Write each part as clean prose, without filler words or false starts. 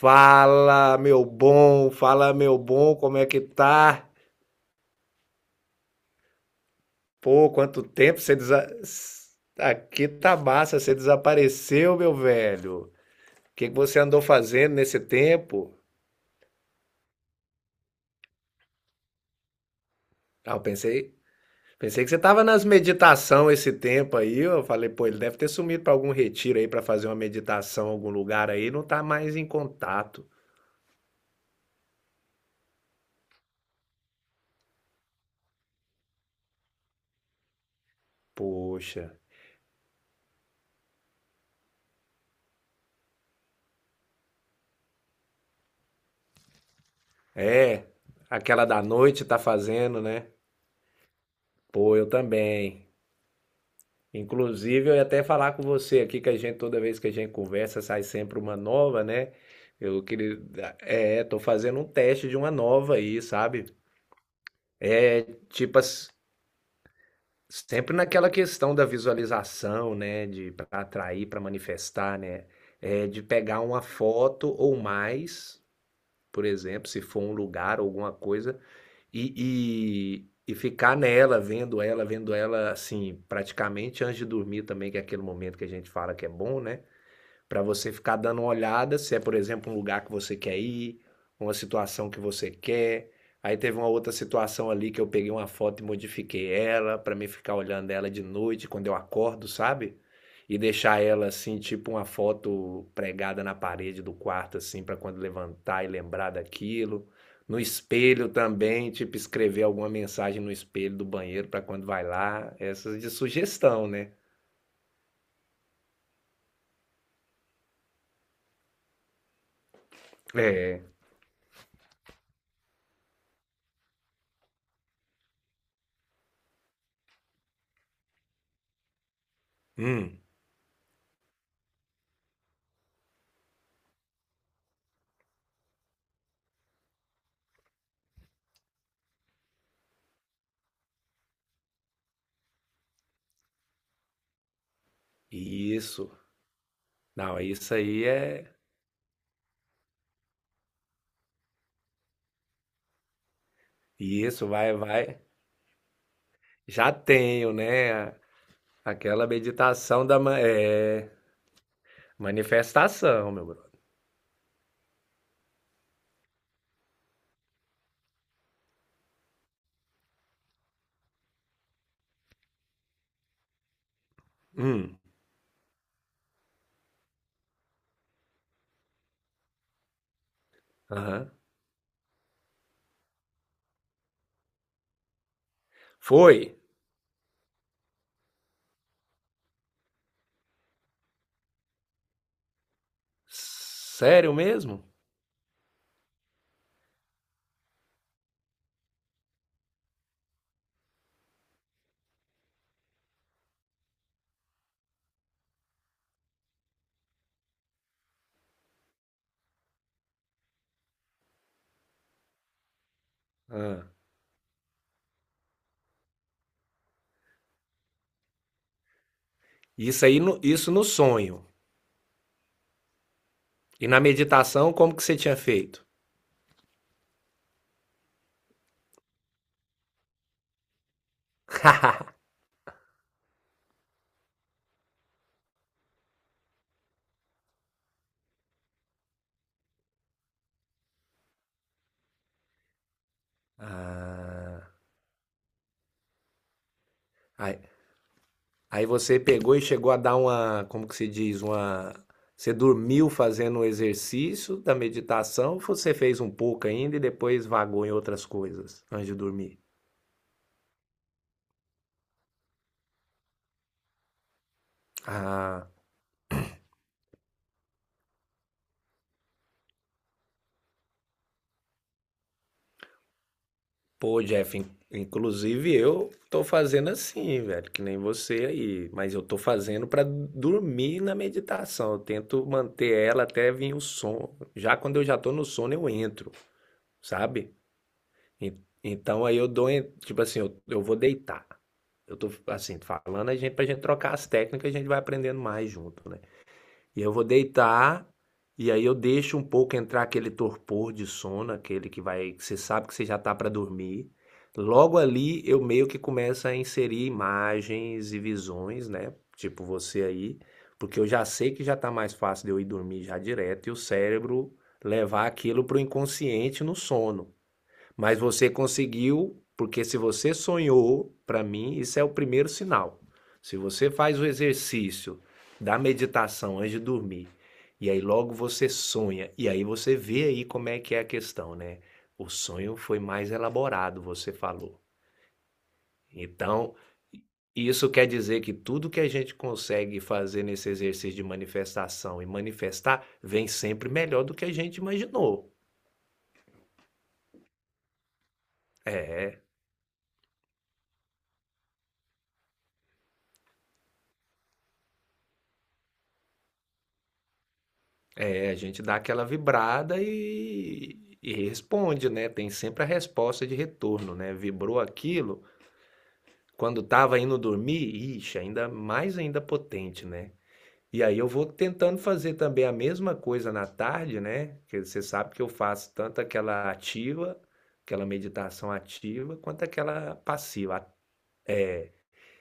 Fala, meu bom, como é que tá? Pô, quanto tempo você aqui tá massa, você desapareceu, meu velho. O que que você andou fazendo nesse tempo? Ah, eu pensei que você tava nas meditação esse tempo aí. Eu falei, pô, ele deve ter sumido para algum retiro aí para fazer uma meditação em algum lugar aí, não tá mais em contato. Poxa. É, aquela da noite tá fazendo, né? Pô, eu também. Inclusive, eu ia até falar com você aqui que a gente, toda vez que a gente conversa, sai sempre uma nova, né? Eu queria. Tô fazendo um teste de uma nova aí, sabe? É. Tipo, as- Sempre naquela questão da visualização, né? De para atrair, para manifestar, né? É, de pegar uma foto ou mais, por exemplo, se for um lugar, alguma coisa, e ficar nela, vendo ela, assim, praticamente antes de dormir também, que é aquele momento que a gente fala que é bom, né? Para você ficar dando uma olhada se é, por exemplo, um lugar que você quer ir, uma situação que você quer. Aí teve uma outra situação ali que eu peguei uma foto e modifiquei ela para mim ficar olhando ela de noite quando eu acordo, sabe? E deixar ela assim, tipo uma foto pregada na parede do quarto assim para quando levantar e lembrar daquilo. No espelho também, tipo escrever alguma mensagem no espelho do banheiro para quando vai lá, essas de sugestão, né? É. Hum, isso. Não, isso aí é. Isso, vai, vai. Já tenho, né? Aquela meditação é... Manifestação, meu brother. Hum, aham. Foi? Sério mesmo? Ah. Isso aí, no, isso no sonho. E na meditação, como que você tinha feito? Ah, aí você pegou e chegou a dar uma, como que se diz, uma. Você dormiu fazendo o exercício da meditação, você fez um pouco ainda e depois vagou em outras coisas antes de dormir. Ah, pô, Jeff, inclusive eu tô fazendo assim, velho, que nem você aí, mas eu tô fazendo pra dormir na meditação. Eu tento manter ela até vir o sono. Já quando eu já tô no sono, eu entro, sabe? En- Então aí eu dou, tipo assim, eu vou deitar. Eu tô assim, falando a gente pra gente trocar as técnicas, a gente vai aprendendo mais junto, né? E eu vou deitar e aí eu deixo um pouco entrar aquele torpor de sono, aquele que vai, que você sabe que você já tá pra dormir. Logo ali eu meio que começo a inserir imagens e visões, né? Tipo você aí, porque eu já sei que já tá mais fácil de eu ir dormir já direto e o cérebro levar aquilo pro inconsciente no sono. Mas você conseguiu, porque se você sonhou, para mim, isso é o primeiro sinal. Se você faz o exercício da meditação antes de dormir, e aí logo você sonha, e aí você vê aí como é que é a questão, né? O sonho foi mais elaborado, você falou. Então, isso quer dizer que tudo que a gente consegue fazer nesse exercício de manifestação e manifestar vem sempre melhor do que a gente imaginou. É. É, a gente dá aquela vibrada e responde, né? Tem sempre a resposta de retorno, né? Vibrou aquilo, quando estava indo dormir, ixi, ainda mais ainda potente, né? E aí eu vou tentando fazer também a mesma coisa na tarde, né? Porque você sabe que eu faço tanto aquela ativa, aquela meditação ativa, quanto aquela passiva.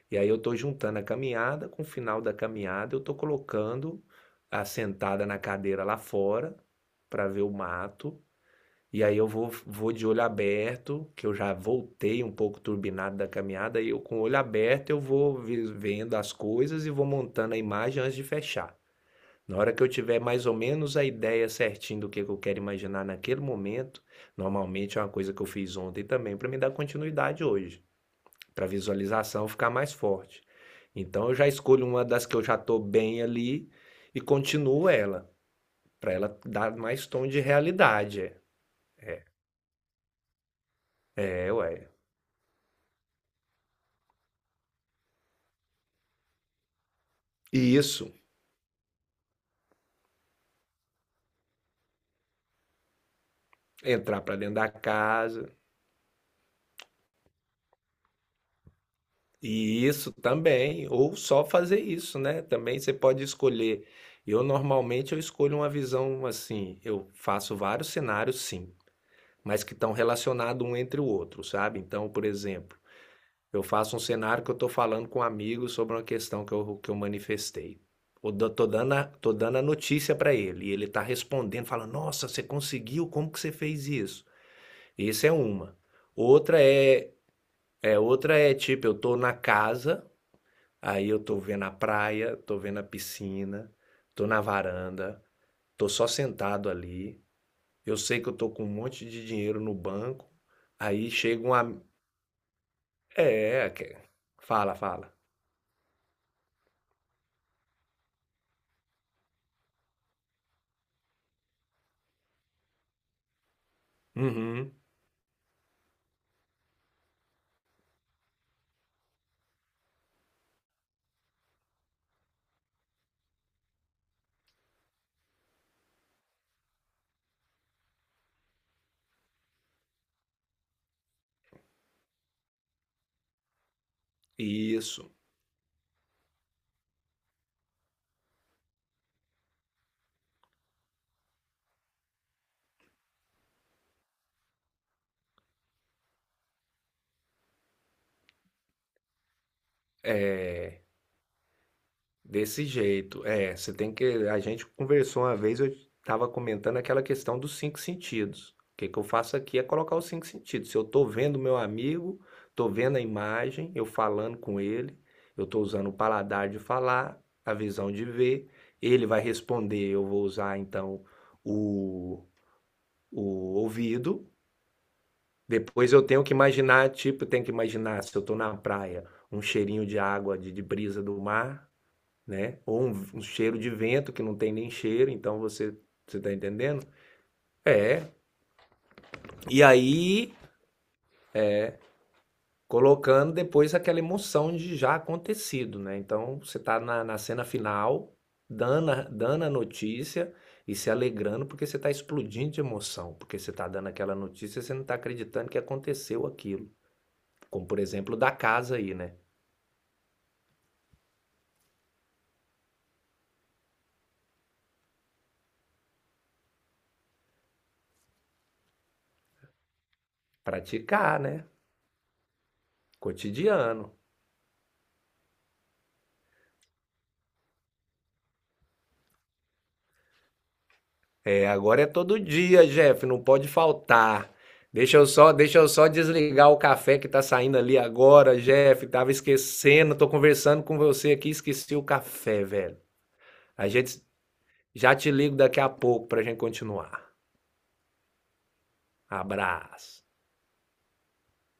E aí eu estou juntando a caminhada com o final da caminhada, eu estou colocando a sentada na cadeira lá fora para ver o mato. E aí vou de olho aberto, que eu já voltei um pouco turbinado da caminhada, e eu com o olho aberto eu vou vendo as coisas e vou montando a imagem antes de fechar. Na hora que eu tiver mais ou menos a ideia certinha do que eu quero imaginar naquele momento, normalmente é uma coisa que eu fiz ontem também para me dar continuidade hoje, para a visualização ficar mais forte. Então eu já escolho uma das que eu já estou bem ali e continuo ela, para ela dar mais tom de realidade. Ué. E isso entrar para dentro da casa. E isso também, ou só fazer isso, né? Também você pode escolher. Eu normalmente eu escolho uma visão assim, eu faço vários cenários sim, mas que estão relacionados um entre o outro, sabe? Então, por exemplo, eu faço um cenário que eu estou falando com um amigo sobre uma questão que eu manifestei. Tô tô dando a notícia para ele e ele está respondendo, falando: Nossa, você conseguiu? Como que você fez isso? Isso é uma. Outra é. É, outra é tipo, eu tô na casa, aí eu tô vendo a praia, tô vendo a piscina, tô na varanda, tô só sentado ali. Eu sei que eu tô com um monte de dinheiro no banco, aí chega um. É, fala, fala. Uhum, isso. Desse jeito. É, você tem que. A gente conversou uma vez, eu estava comentando aquela questão dos cinco sentidos. O que que eu faço aqui é colocar os cinco sentidos. Se eu estou vendo meu amigo, estou vendo a imagem, eu falando com ele, eu estou usando o paladar de falar, a visão de ver, ele vai responder, eu vou usar então o, o ouvido. Depois eu tenho que imaginar, tipo, eu tenho que imaginar se eu estou na praia, um cheirinho de água, de brisa do mar, né? Ou um cheiro de vento que não tem nem cheiro, então você você tá entendendo? É. E aí colocando depois aquela emoção de já acontecido, né? Então você tá na cena final, dando a notícia e se alegrando porque você tá explodindo de emoção, porque você tá dando aquela notícia, e você não tá acreditando que aconteceu aquilo. Como por exemplo da casa aí, né? Praticar, né? Cotidiano. É, agora é todo dia, Jeff, não pode faltar. Deixa eu só desligar o café que tá saindo ali agora, Jeff. Tava esquecendo, tô conversando com você aqui, esqueci o café, velho. A gente já te ligo daqui a pouco pra gente continuar. Abraço.